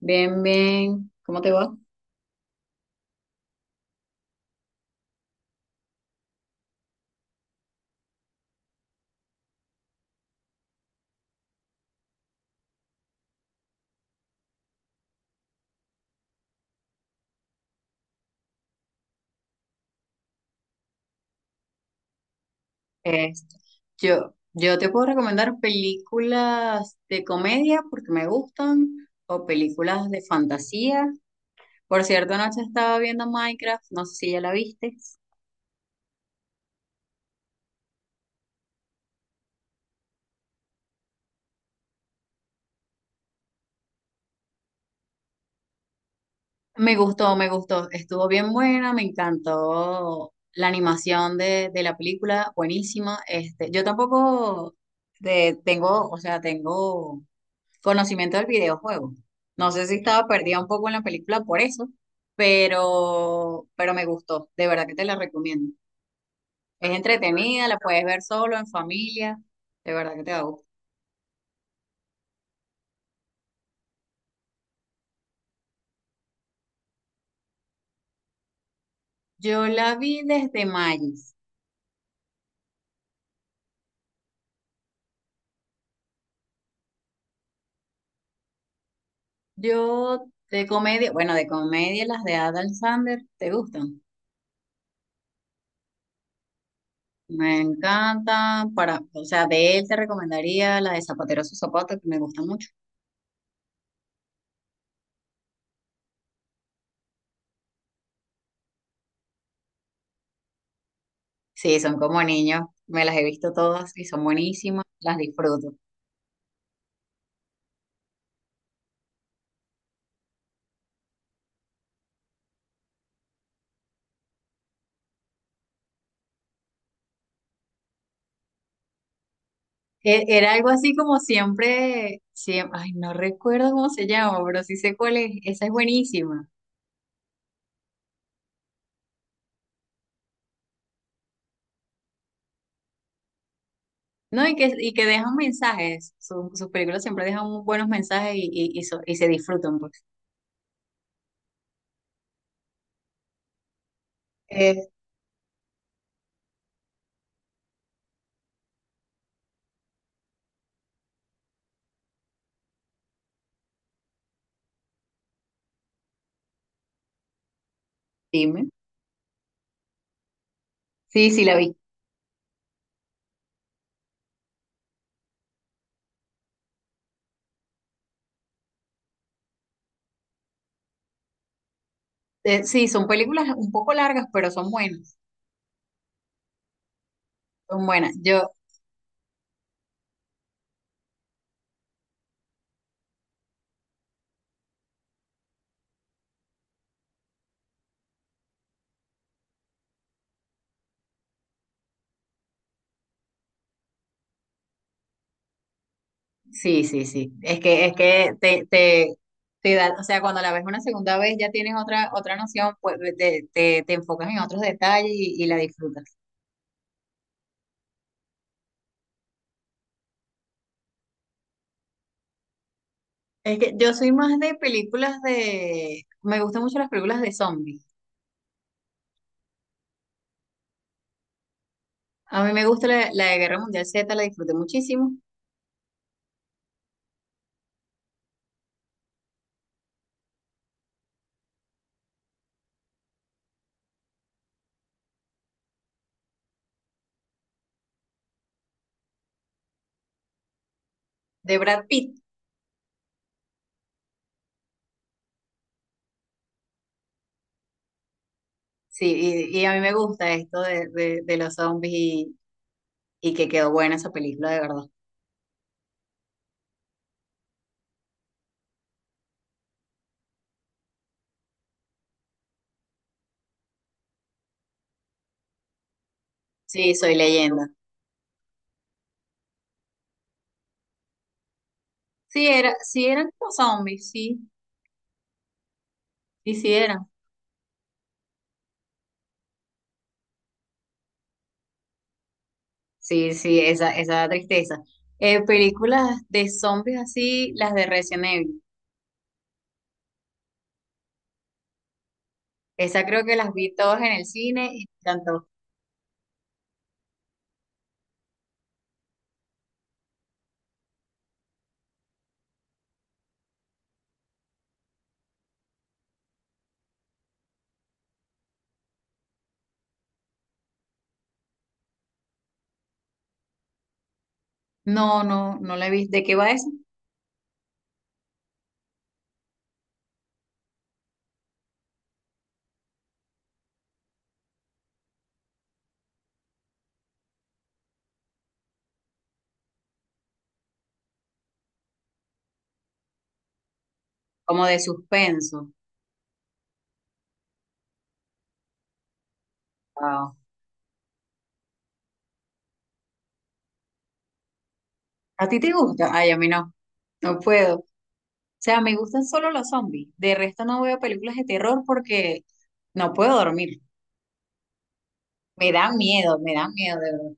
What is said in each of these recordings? Bien, bien. ¿Cómo te va? Este, yo te puedo recomendar películas de comedia porque me gustan o películas de fantasía. Por cierto, anoche estaba viendo Minecraft, no sé si ya la viste. Me gustó. Estuvo bien buena, me encantó la animación de la película, buenísima. Este, yo tampoco tengo, o sea, tengo conocimiento del videojuego. No sé si estaba perdida un poco en la película por eso, pero me gustó. De verdad que te la recomiendo. Es entretenida, la puedes ver solo, en familia. De verdad que te va a gustar. Yo la vi desde Magis. Yo de comedia, bueno, de comedia las de Adam Sandler, ¿te gustan? Me encantan. Para, o sea, de él te recomendaría la de Zapatero a su zapato, que me gusta mucho. Sí, son como niños. Me las he visto todas y son buenísimas. Las disfruto. Era algo así como siempre, ay, no recuerdo cómo se llama, pero sí sé cuál es, esa es buenísima. No, y que dejan mensajes, sus películas siempre dejan muy buenos mensajes y se disfrutan, pues. Eh, dime. Sí, sí, la vi. Sí, son películas un poco largas, pero son buenas, son buenas. Yo, sí, sí, sí, es que, te da, o sea, cuando la ves una segunda vez ya tienes otra, otra noción, pues te enfocas en otros detalles y la disfrutas. Es que yo soy más de películas de Me gustan mucho las películas de zombies. A mí me gusta la de Guerra Mundial Z, la disfruté muchísimo. De Brad Pitt, sí, y a mí me gusta esto de los zombies y que quedó buena esa película, de verdad. Sí, soy leyenda. Sí, era, sí eran como zombies, sí, sí, sí eran. Sí, sí, esa tristeza. Películas de zombies así, las de Resident Evil. Esa creo que las vi todas en el cine y me encantó. No, no, no la vi. ¿De qué va esa? Como de suspenso. Wow. ¿A ti te gusta? Ay, a mí no, no puedo. O sea, me gustan solo los zombies. De resto no veo películas de terror porque no puedo dormir. Me dan miedo, de verdad.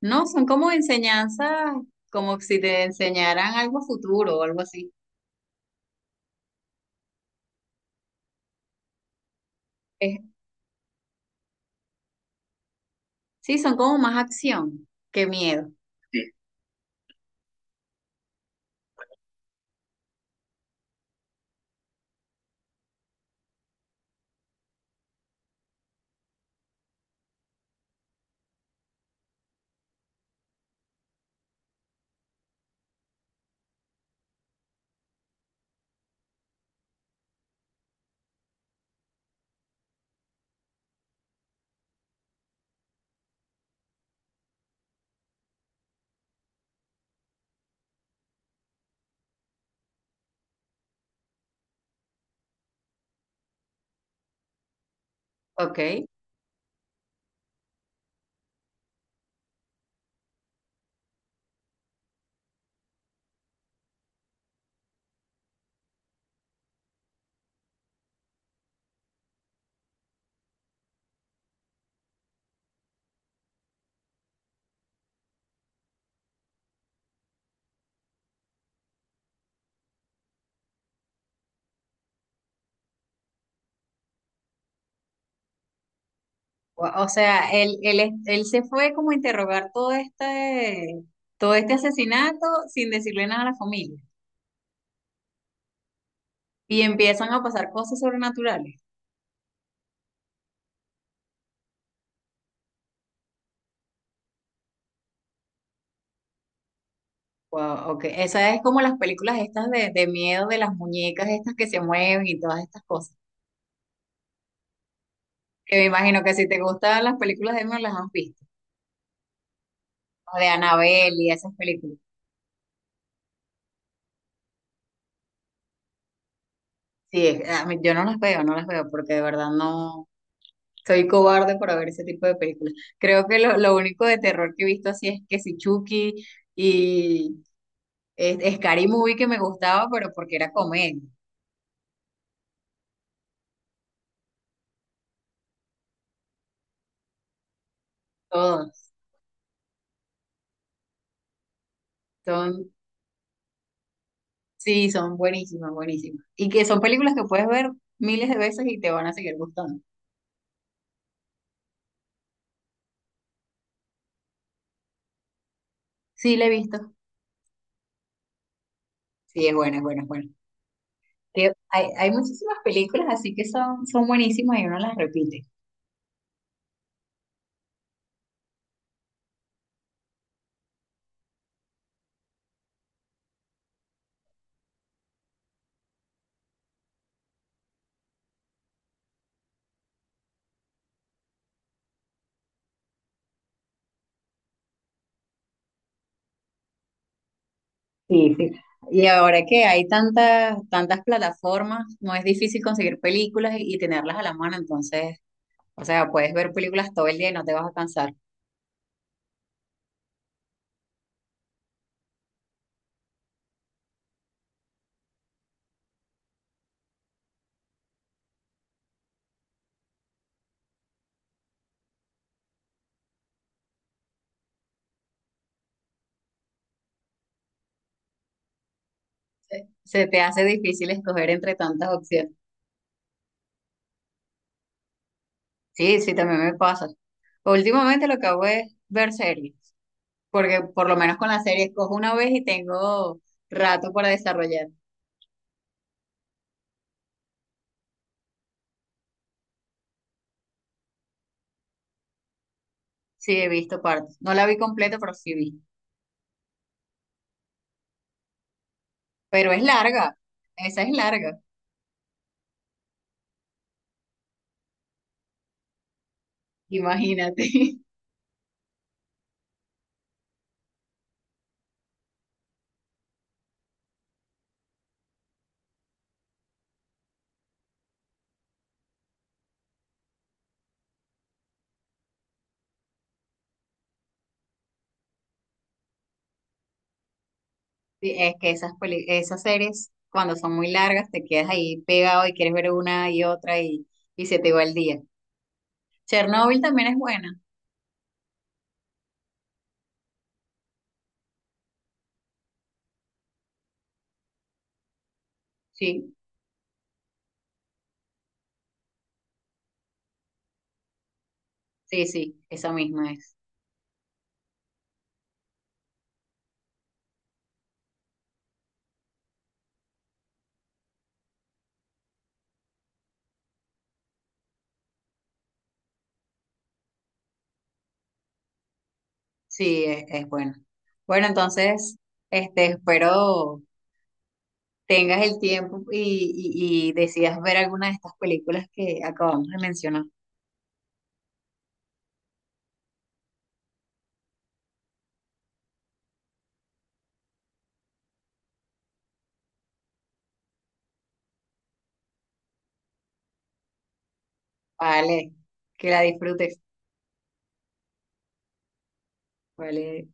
No, son como enseñanzas, como si te enseñaran algo futuro o algo así. Es- sí, son como más acción que miedo. Ok. O sea, él, él se fue como a interrogar todo este asesinato sin decirle nada a la familia. Y empiezan a pasar cosas sobrenaturales. Wow, ok. Esa es como las películas estas de miedo de las muñecas estas que se mueven y todas estas cosas. Que me imagino que si te gustan las películas de miedo las has visto. O de Annabelle y esas películas. Sí, a yo no las veo, no las veo porque de verdad no soy cobarde para ver ese tipo de películas. Creo que lo único de terror que he visto así es que si Chucky y es, Scary Movie que me gustaba, pero porque era comedia. Todos. Sí, son buenísimas, buenísimas. Y que son películas que puedes ver miles de veces y te van a seguir gustando. Sí, la he visto. Sí, es buena, es buena, es buena. Que hay muchísimas películas así que son, son buenísimas y uno las repite. Sí, sí. Y ahora que hay tantas, tantas plataformas, no es difícil conseguir películas y tenerlas a la mano, entonces, o sea, puedes ver películas todo el día y no te vas a cansar. Se te hace difícil escoger entre tantas opciones. Sí, sí, también me pasa. Últimamente lo que hago es ver series, porque por lo menos con la serie escojo una vez y tengo rato para desarrollar. Sí, he visto partes. No la vi completa, pero sí vi. Pero es larga, esa es larga, imagínate. Sí, es que esas series, cuando son muy largas, te quedas ahí pegado y quieres ver una y otra y se te va el día. Chernobyl también es buena. Sí, sí, sí, esa misma es. Sí, es buena. Bueno, entonces, este, espero tengas el tiempo y decidas ver alguna de estas películas que acabamos de mencionar. Vale, que la disfrutes. Vale.